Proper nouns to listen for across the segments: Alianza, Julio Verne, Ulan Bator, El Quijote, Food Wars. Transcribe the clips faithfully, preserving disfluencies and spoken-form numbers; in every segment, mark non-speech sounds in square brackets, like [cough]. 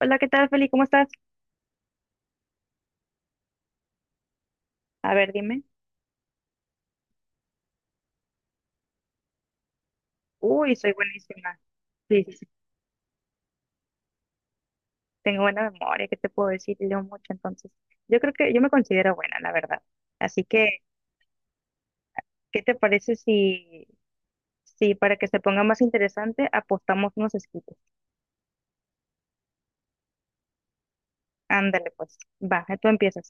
Hola, ¿qué tal, Feli? ¿Cómo estás? A ver, dime. Uy, soy buenísima. Sí, sí, sí. Tengo buena memoria, ¿qué te puedo decir? Leo mucho, entonces. Yo creo que yo me considero buena, la verdad. Así que, ¿qué te parece si, si para que se ponga más interesante apostamos unos escritos? Ándale, pues. Va, tú empiezas.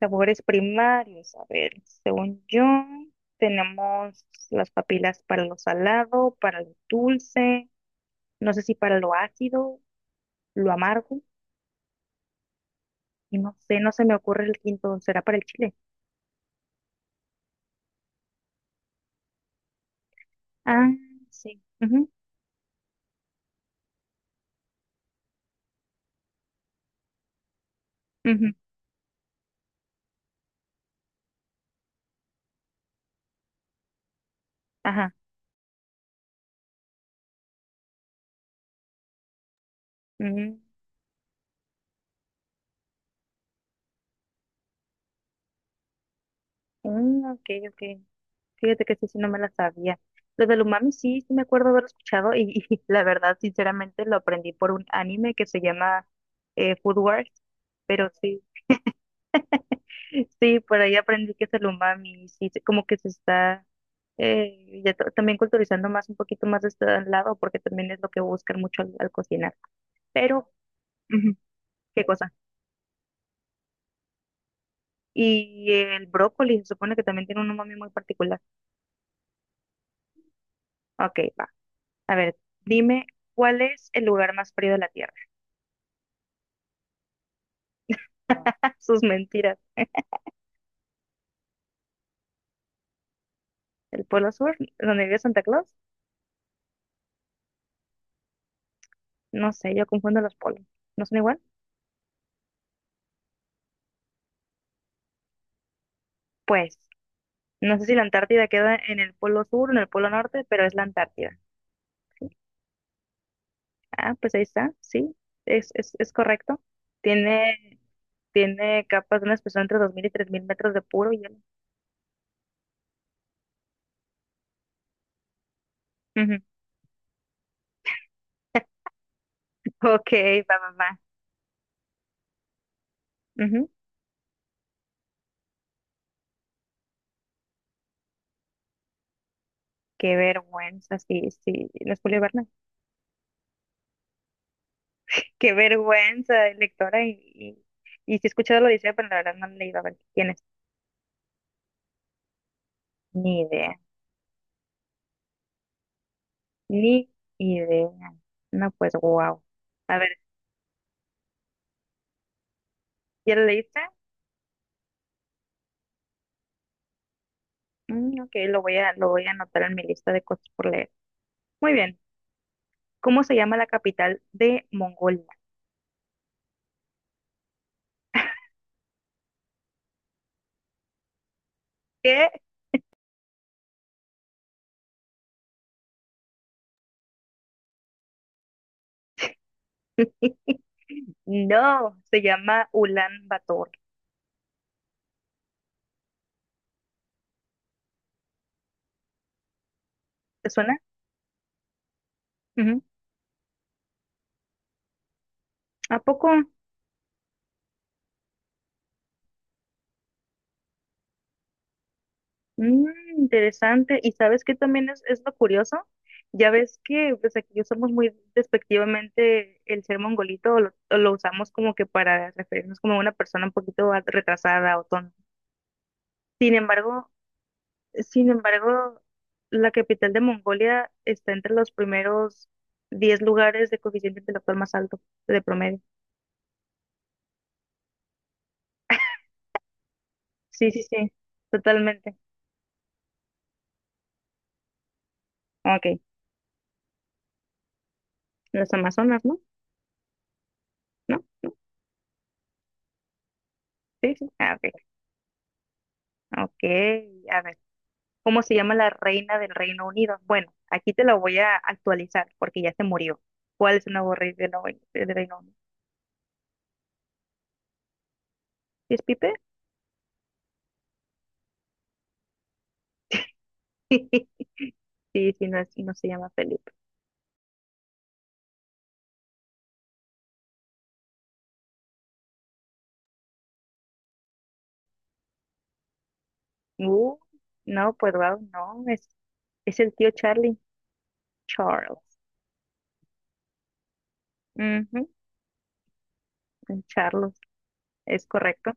Sabores primarios. A ver, según yo, tenemos las papilas para lo salado, para lo dulce, no sé si para lo ácido, lo amargo. Y no sé, no se me ocurre el quinto. ¿Será para el chile? Ah, sí. Ujú, ujú. Ajá. Ujú. Mm, ok, ok. Fíjate que sí, sí, no me la sabía. Lo del umami sí, sí me acuerdo haber escuchado y, [laughs] y la verdad, sinceramente, lo aprendí por un anime que se llama eh, Food Wars. Pero sí, [laughs] sí, por ahí aprendí que es el umami. Y sí, se- como que se está eh, ya ta- también culturizando más, un poquito más de este lado, porque también es lo que buscan mucho al, al cocinar. Pero, ujú, ¿qué cosa? Y el brócoli se supone que también tiene un umami muy particular. Ok, va. A ver, dime, ¿cuál es el lugar más frío de la Tierra? [laughs] Sus mentiras. ¿El Polo Sur? ¿Donde vive Santa Claus? No sé, yo confundo los polos. ¿No son igual? Pues, no sé si la Antártida queda en el Polo Sur o en el Polo Norte, pero es la Antártida. Ah, pues ahí está, sí, es, es, es correcto. Tiene, tiene capas de una espesor entre dos mil y tres mil metros de puro hielo. Ujú. Ok, va, va, va. Ujú. Qué vergüenza, sí, sí, no es Julio Verne. Qué vergüenza, lectora. Y, y, y sí he escuchado lo dice, pero la verdad no le iba a ver quién es. Ni idea, ni idea. No, pues, wow. A ver, ¿ya lo leíste? Mm, ok, lo voy a, lo voy a anotar en mi lista de cosas por leer. Muy bien. ¿Cómo se llama la capital de Mongolia? ¿Qué? [laughs] No, se llama Ulan Bator. ¿Te suena? Ujú. ¿A poco? Mm, interesante. ¿Y sabes qué también es, es lo curioso? Ya ves que pues aquí usamos muy despectivamente el ser mongolito, o lo, o lo usamos como que para referirnos como a una persona un poquito a- retrasada o tonta. Sin embargo, sin embargo, la capital de Mongolia está entre los primeros diez lugares de coeficiente intelectual más alto de promedio. Sí, sí, sí, totalmente. Ok, las Amazonas, ¿no? ¿No? ¿No? Sí, sí. Ah, ok. Ok, a ver. ¿Cómo se llama la reina del Reino Unido? Bueno, aquí te la voy a actualizar porque ya se murió. ¿Cuál es el nuevo rey del, Nue- del Reino Unido? ¿Sí? ¿Es Pipe? [laughs] Sí, sí, no, es- no se llama Felipe. Uh, no, pues wow, no, es, es el tío Charlie. Charles. Ujú, el Charles, es correcto.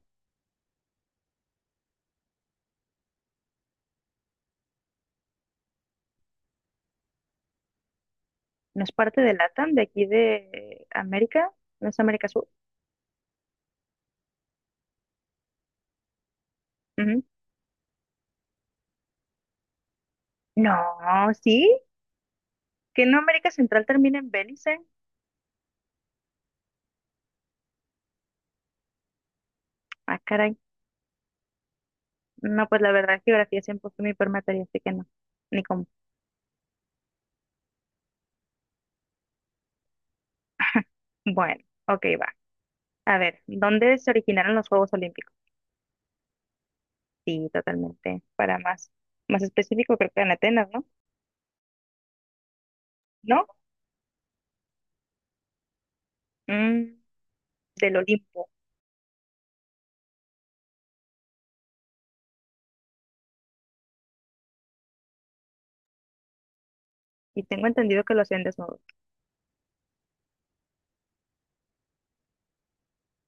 No es parte de LATAM, de aquí de América, no es América Sur. Ujú. No, sí, que no América Central termina en Belice. Ah, caray. No, pues la verdad, geografía siempre fue mi peor materia, así que no, ni cómo. [laughs] Bueno, ok, va. A ver, ¿dónde se originaron los Juegos Olímpicos? Sí, totalmente. Para más, más específico, creo que en Atenas, ¿no? ¿No? Mm, del Olimpo. Y tengo entendido que lo hacían desnudos.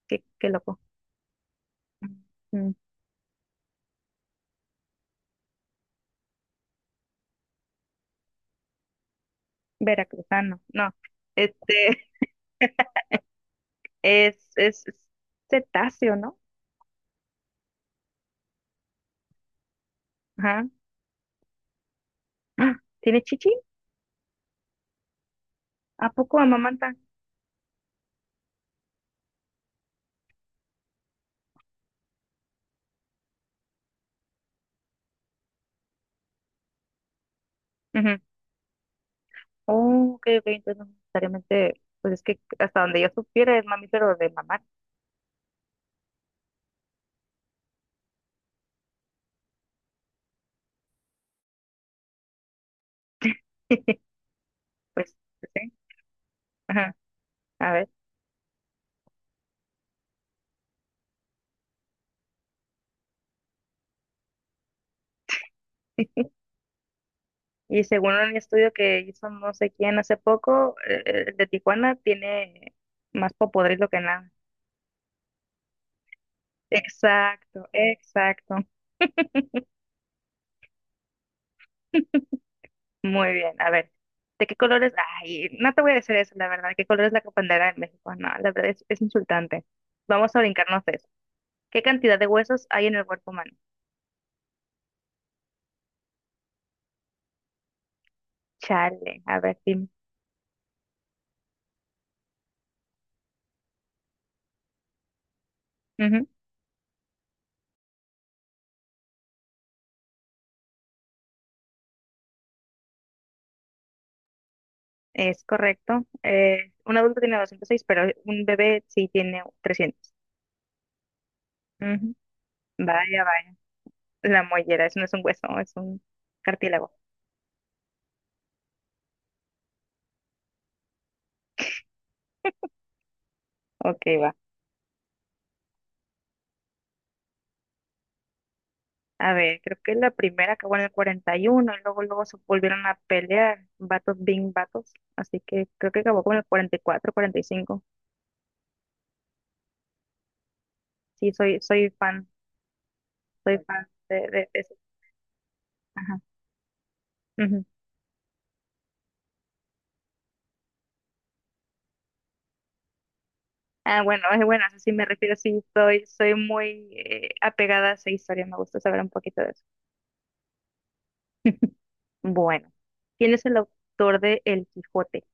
Qué, qué loco. Mm, veracruzano. No. Este [laughs] es, es, es cetáceo, ¿no? Ajá. [gasps] ¡Ah! ¿Tiene chichi? ¿A poco amamanta? Oh, ok, ok, entonces no necesariamente, pues es que hasta donde yo supiera es mamífero de mamar. [laughs] Pues, pues sí, ajá, a ver. Y según un estudio que hizo no sé quién hace poco, eh, el de Tijuana tiene más popodrilo que nada. Exacto, exacto. Muy bien, a ver. ¿De qué colores? Ay, no te voy a decir eso, la verdad. ¿Qué color es la bandera de México? No, la verdad es, es insultante. Vamos a brincarnos de eso. ¿Qué cantidad de huesos hay en el cuerpo humano? Chale, a ver, dime. Es correcto. Eh, un adulto tiene doscientos seis, pero un bebé sí tiene trescientos. Ujú. Vaya, vaya. La mollera, eso no es un hueso, es un cartílago. Ok, va. A ver, creo que la primera acabó en el cuarenta y uno, y luego, luego se volvieron a pelear. Vatos, bing, vatos. Así que creo que acabó con el cuarenta cuarenta y cuatro, cuarenta y cinco. Sí, soy, soy fan, soy fan de, de, de eso. Ajá. Ujú. Ah, bueno, es bueno, a eso sí me refiero, sí, soy, soy muy eh, apegada a esa historia, me gusta saber un poquito de eso. [laughs] Bueno, ¿quién es el autor de El Quijote? [laughs]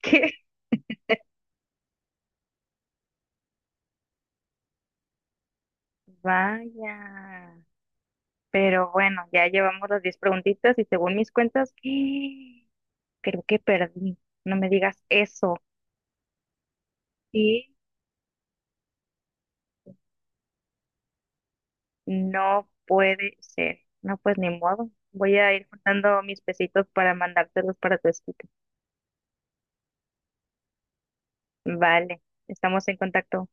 ¿Qué? Vaya. Pero bueno, ya llevamos las diez preguntitas y según mis cuentas, [gasps] creo que perdí. No me digas eso. Sí, no puede ser. No, pues ni modo. Voy a ir juntando mis pesitos para mandártelos para tu escrito. Vale, estamos en contacto.